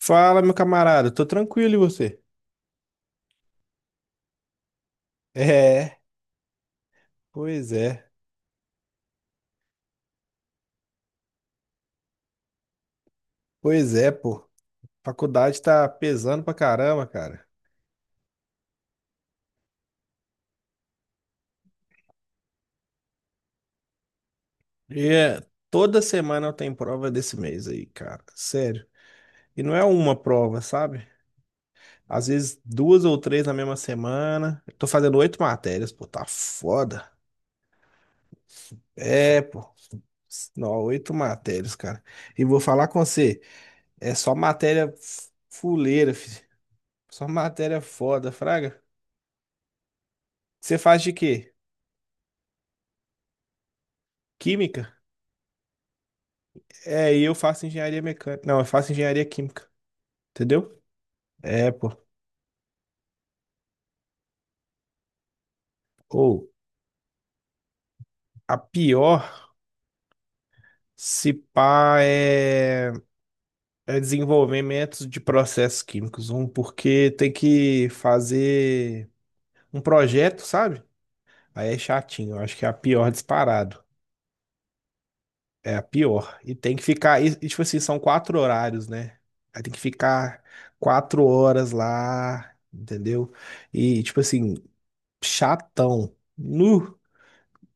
Fala, meu camarada, tô tranquilo e você? É, pois é, pois é, pô. Faculdade tá pesando pra caramba, cara. E é, toda semana eu tenho prova desse mês aí, cara. Sério. E não é uma prova, sabe? Às vezes duas ou três na mesma semana. Eu tô fazendo oito matérias, pô, tá foda. É, pô. Não, oito matérias, cara. E vou falar com você, é só matéria fuleira, filho. Só matéria foda, fraga. Você faz de quê? Química? É, e eu faço engenharia mecânica. Não, eu faço engenharia química, entendeu? É, pô. Ou a pior, se pá, é, é desenvolvimento de processos químicos. Um, porque tem que fazer um projeto, sabe? Aí é chatinho. Eu acho que é a pior disparado. É a pior. E tem que ficar. Tipo assim, são quatro horários, né? Aí tem que ficar quatro horas lá, entendeu? E, tipo assim, chatão. Nu.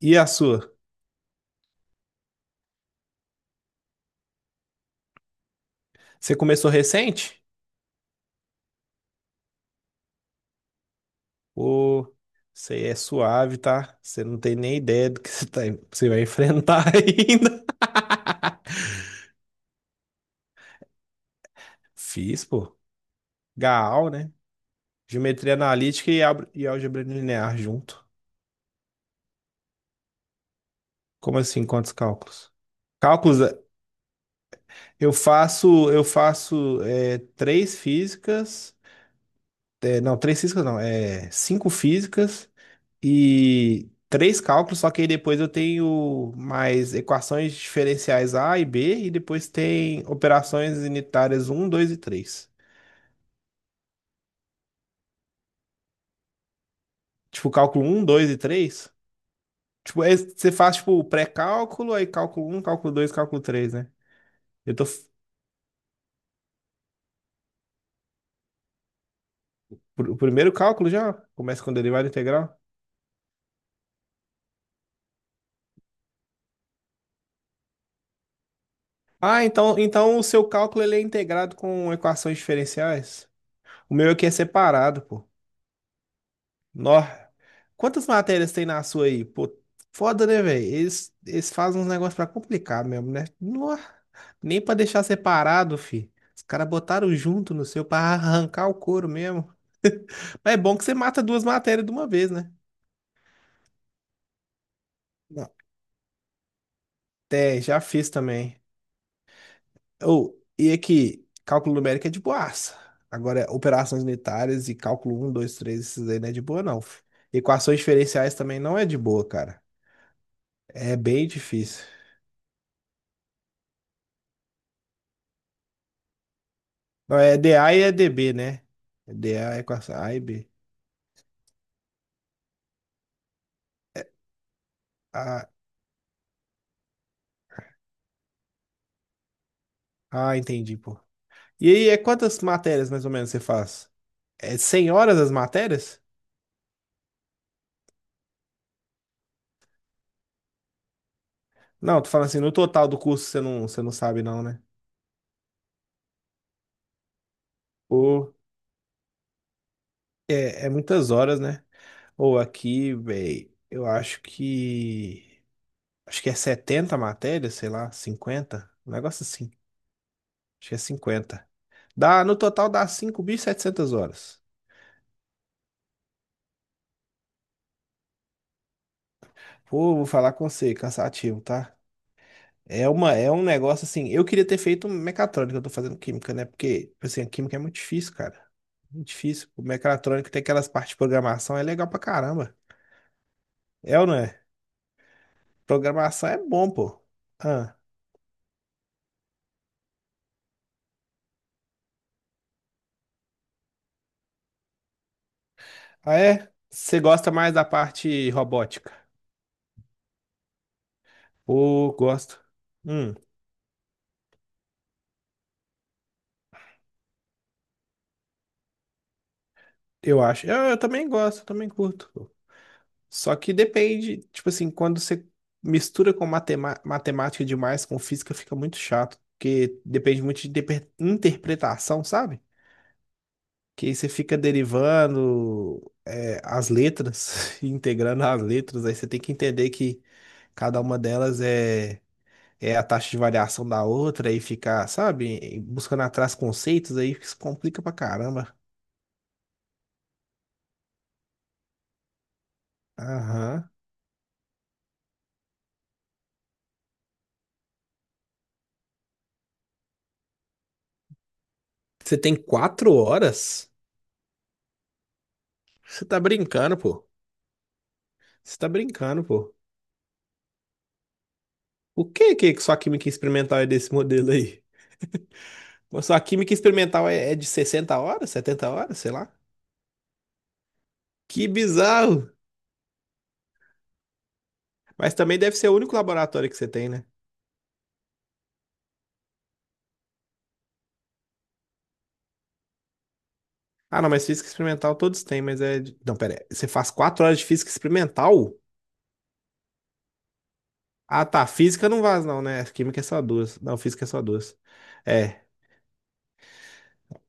E a sua? Você começou recente? Ou você é suave, tá? Você não tem nem ideia do que você vai enfrentar ainda. Fiz, pô. Gaal, né? Geometria analítica e, e álgebra linear junto. Como assim? Quantos cálculos? Cálculos, eh, eu faço eh, três físicas. Eh, não, três físicas não. É, cinco físicas e três cálculos, só que aí depois eu tenho mais equações diferenciais A e B, e depois tem operações unitárias um, 2 e três. Tipo, cálculo um, dois e três. Tipo, você faz, tipo, o pré-cálculo, aí cálculo um, cálculo 2, cálculo três, né? Eu tô... f- pr- O primeiro cálculo já começa com derivada integral. Ah, então o seu cálculo ele é integrado com equações diferenciais? O meu aqui é separado, pô. Nó. Quantas matérias tem na sua aí? Pô, foda, né, velho? Eles fazem uns negócios pra complicar mesmo, né? Nó. Nem pra deixar separado, fi. Os caras botaram junto no seu pra arrancar o couro mesmo. Mas é bom que você mata duas matérias de uma vez, né? Não. É, já fiz também. Ou, e aqui, cálculo numérico é de boaça. Agora, operações unitárias e cálculo um 2 3 esses aí não é de boa, não, fi. Equações diferenciais também não é de boa, cara. É bem difícil. Não, é DA e é DB, né? É DA é com essa A e B. Ah, ah, entendi, pô. E aí, é quantas matérias mais ou menos você faz? É 100 horas as matérias? Não, tô falando assim, no total do curso você não sabe não, né? Ou é, é muitas horas, né? Ou aqui, véi, eu acho que... Acho que é 70 matérias, sei lá, 50, um negócio assim. Acho que é 50. Dá, no total dá 5.700 horas. Pô, vou falar com você, cansativo, tá? É uma, é um negócio assim. Eu queria ter feito mecatrônica, eu tô fazendo química, né? Porque, assim, a química é muito difícil, cara. Muito difícil. O mecatrônico tem aquelas partes de programação, é legal pra caramba. É ou não é? Programação é bom, pô. Ah, ah, é? Você gosta mais da parte robótica? Pô, gosto. Hum, eu acho. Eu também gosto, eu também curto. Só que depende, tipo assim, quando você mistura com matemática demais, com física, fica muito chato, porque depende muito de interpretação, sabe? Que aí você fica derivando, é, as letras, integrando as letras, aí você tem que entender que cada uma delas é, é a taxa de variação da outra, aí ficar, sabe, buscando atrás conceitos, aí isso complica pra caramba. Aham. Você tem quatro horas? Você tá brincando, pô. Você tá brincando, pô. O que que sua química experimental é desse modelo aí? Pô, sua química experimental é, é de 60 horas, 70 horas, sei lá. Que bizarro! Mas também deve ser o único laboratório que você tem, né? Ah, não, mas física experimental todos têm, mas é. Não, pera, aí, você faz 4 horas de física experimental? Ah, tá. Física não vaza, não, né? Química é só duas. Não, física é só duas. É.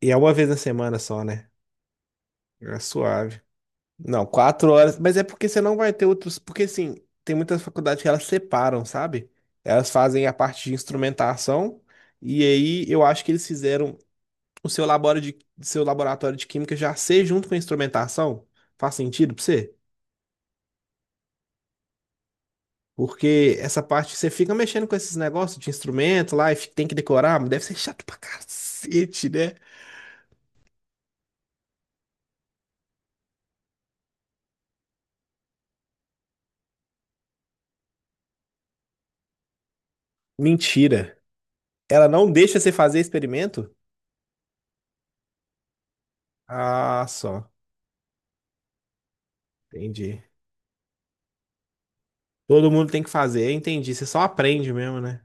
E é uma vez na semana só, né? É suave. Não, quatro horas. Mas é porque você não vai ter outros. Porque, assim, tem muitas faculdades que elas separam, sabe? Elas fazem a parte de instrumentação. E aí eu acho que eles fizeram o seu seu laboratório de química já ser junto com a instrumentação. Faz sentido pra você? Porque essa parte você fica mexendo com esses negócios de instrumento lá e tem que decorar, mas deve ser chato pra cacete, né? Mentira. Ela não deixa você fazer experimento? Ah, só. Entendi. Todo mundo tem que fazer, eu entendi. Você só aprende mesmo, né?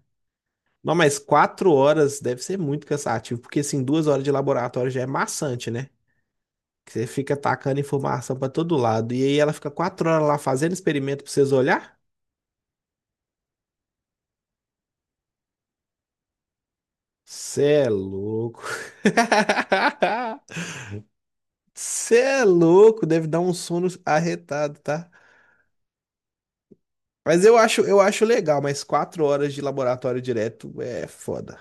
Não, mas quatro horas deve ser muito cansativo, porque assim, duas horas de laboratório já é maçante, né? Que você fica tacando informação pra todo lado. E aí ela fica quatro horas lá fazendo experimento pra vocês olhar? Cê é louco. Cê é louco, deve dar um sono arretado, tá? Mas eu acho legal, mas quatro horas de laboratório direto é foda.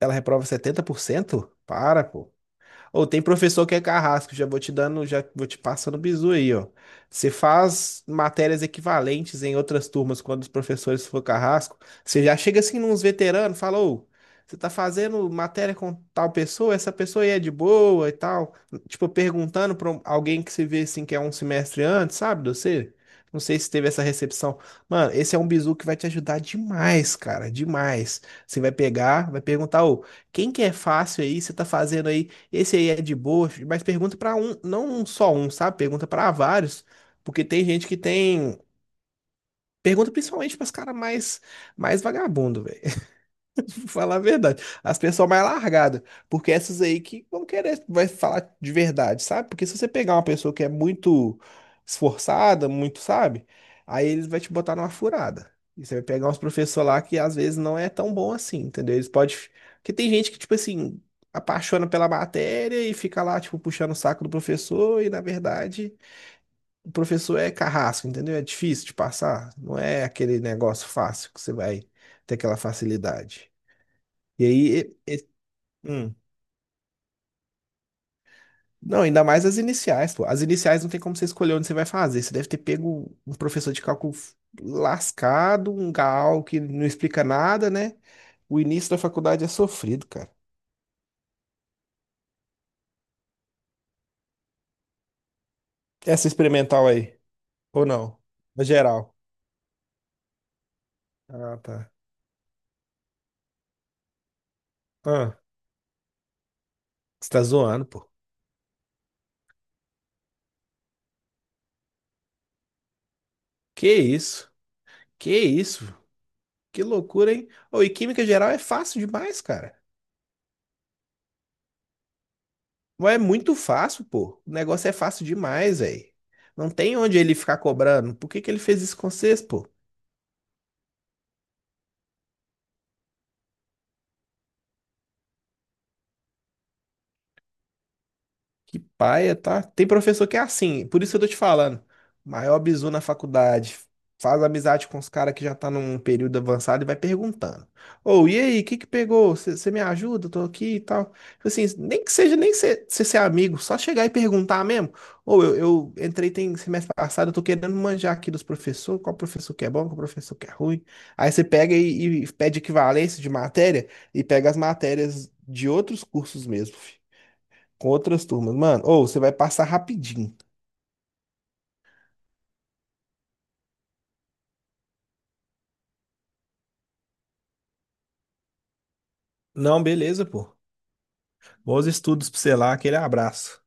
Ela reprova 70%? Para, pô. Ou tem professor que é carrasco, já vou te dando, já vou te passando bizu aí, ó. Você faz matérias equivalentes em outras turmas quando os professores for carrasco, você já chega assim nos veteranos, fala, ô, você tá fazendo matéria com tal pessoa, essa pessoa aí é de boa e tal. Tipo, perguntando pra alguém que se vê assim que é um semestre antes, sabe, de você? Não sei se teve essa recepção. Mano, esse é um bizu que vai te ajudar demais, cara, demais. Você vai pegar, vai perguntar, ô, quem que é fácil aí? Você tá fazendo aí, esse aí é de boa, mas pergunta pra um, não um só um, sabe? Pergunta pra vários, porque tem gente que tem. Pergunta principalmente para os caras mais, mais vagabundo, velho. Vou falar a verdade. As pessoas mais largadas. Porque essas aí que vão querer, vai falar de verdade, sabe? Porque se você pegar uma pessoa que é muito esforçada, muito, sabe? Aí eles vão te botar numa furada. E você vai pegar uns professores lá que às vezes não é tão bom assim, entendeu? Eles podem. Porque tem gente que, tipo assim, apaixona pela matéria e fica lá, tipo, puxando o saco do professor, e na verdade, o professor é carrasco, entendeu? É difícil de passar. Não é aquele negócio fácil que você vai ter aquela facilidade. E aí, e- e- hum. Não, ainda mais as iniciais, pô. As iniciais não tem como você escolher onde você vai fazer. Você deve ter pego um professor de cálculo lascado, um gal que não explica nada, né? O início da faculdade é sofrido, cara. Essa experimental aí, ou não? Na geral. Ah, tá. Ah, você tá zoando, pô. Que isso? Que isso? Que loucura, hein? Ô, e química geral é fácil demais, cara. Mas é muito fácil, pô. O negócio é fácil demais, velho. Não tem onde ele ficar cobrando. Por que que ele fez isso com vocês, pô? Que paia, tá? Tem professor que é assim, por isso que eu tô te falando. Maior bizu na faculdade. Faz amizade com os caras que já tá num período avançado e vai perguntando. Ô, e aí, o que que pegou? Você me ajuda? Eu tô aqui e tal. Tipo assim, nem que seja, nem ser, ser amigo, só chegar e perguntar mesmo. Ou eu entrei tem semestre passado, eu tô querendo manjar aqui dos professores, qual professor que é bom, qual professor que é ruim. Aí você pega e pede equivalência de matéria e pega as matérias de outros cursos mesmo com outras turmas. Mano, ou você vai passar rapidinho. Não, beleza, pô. Bons estudos pra você lá, aquele abraço.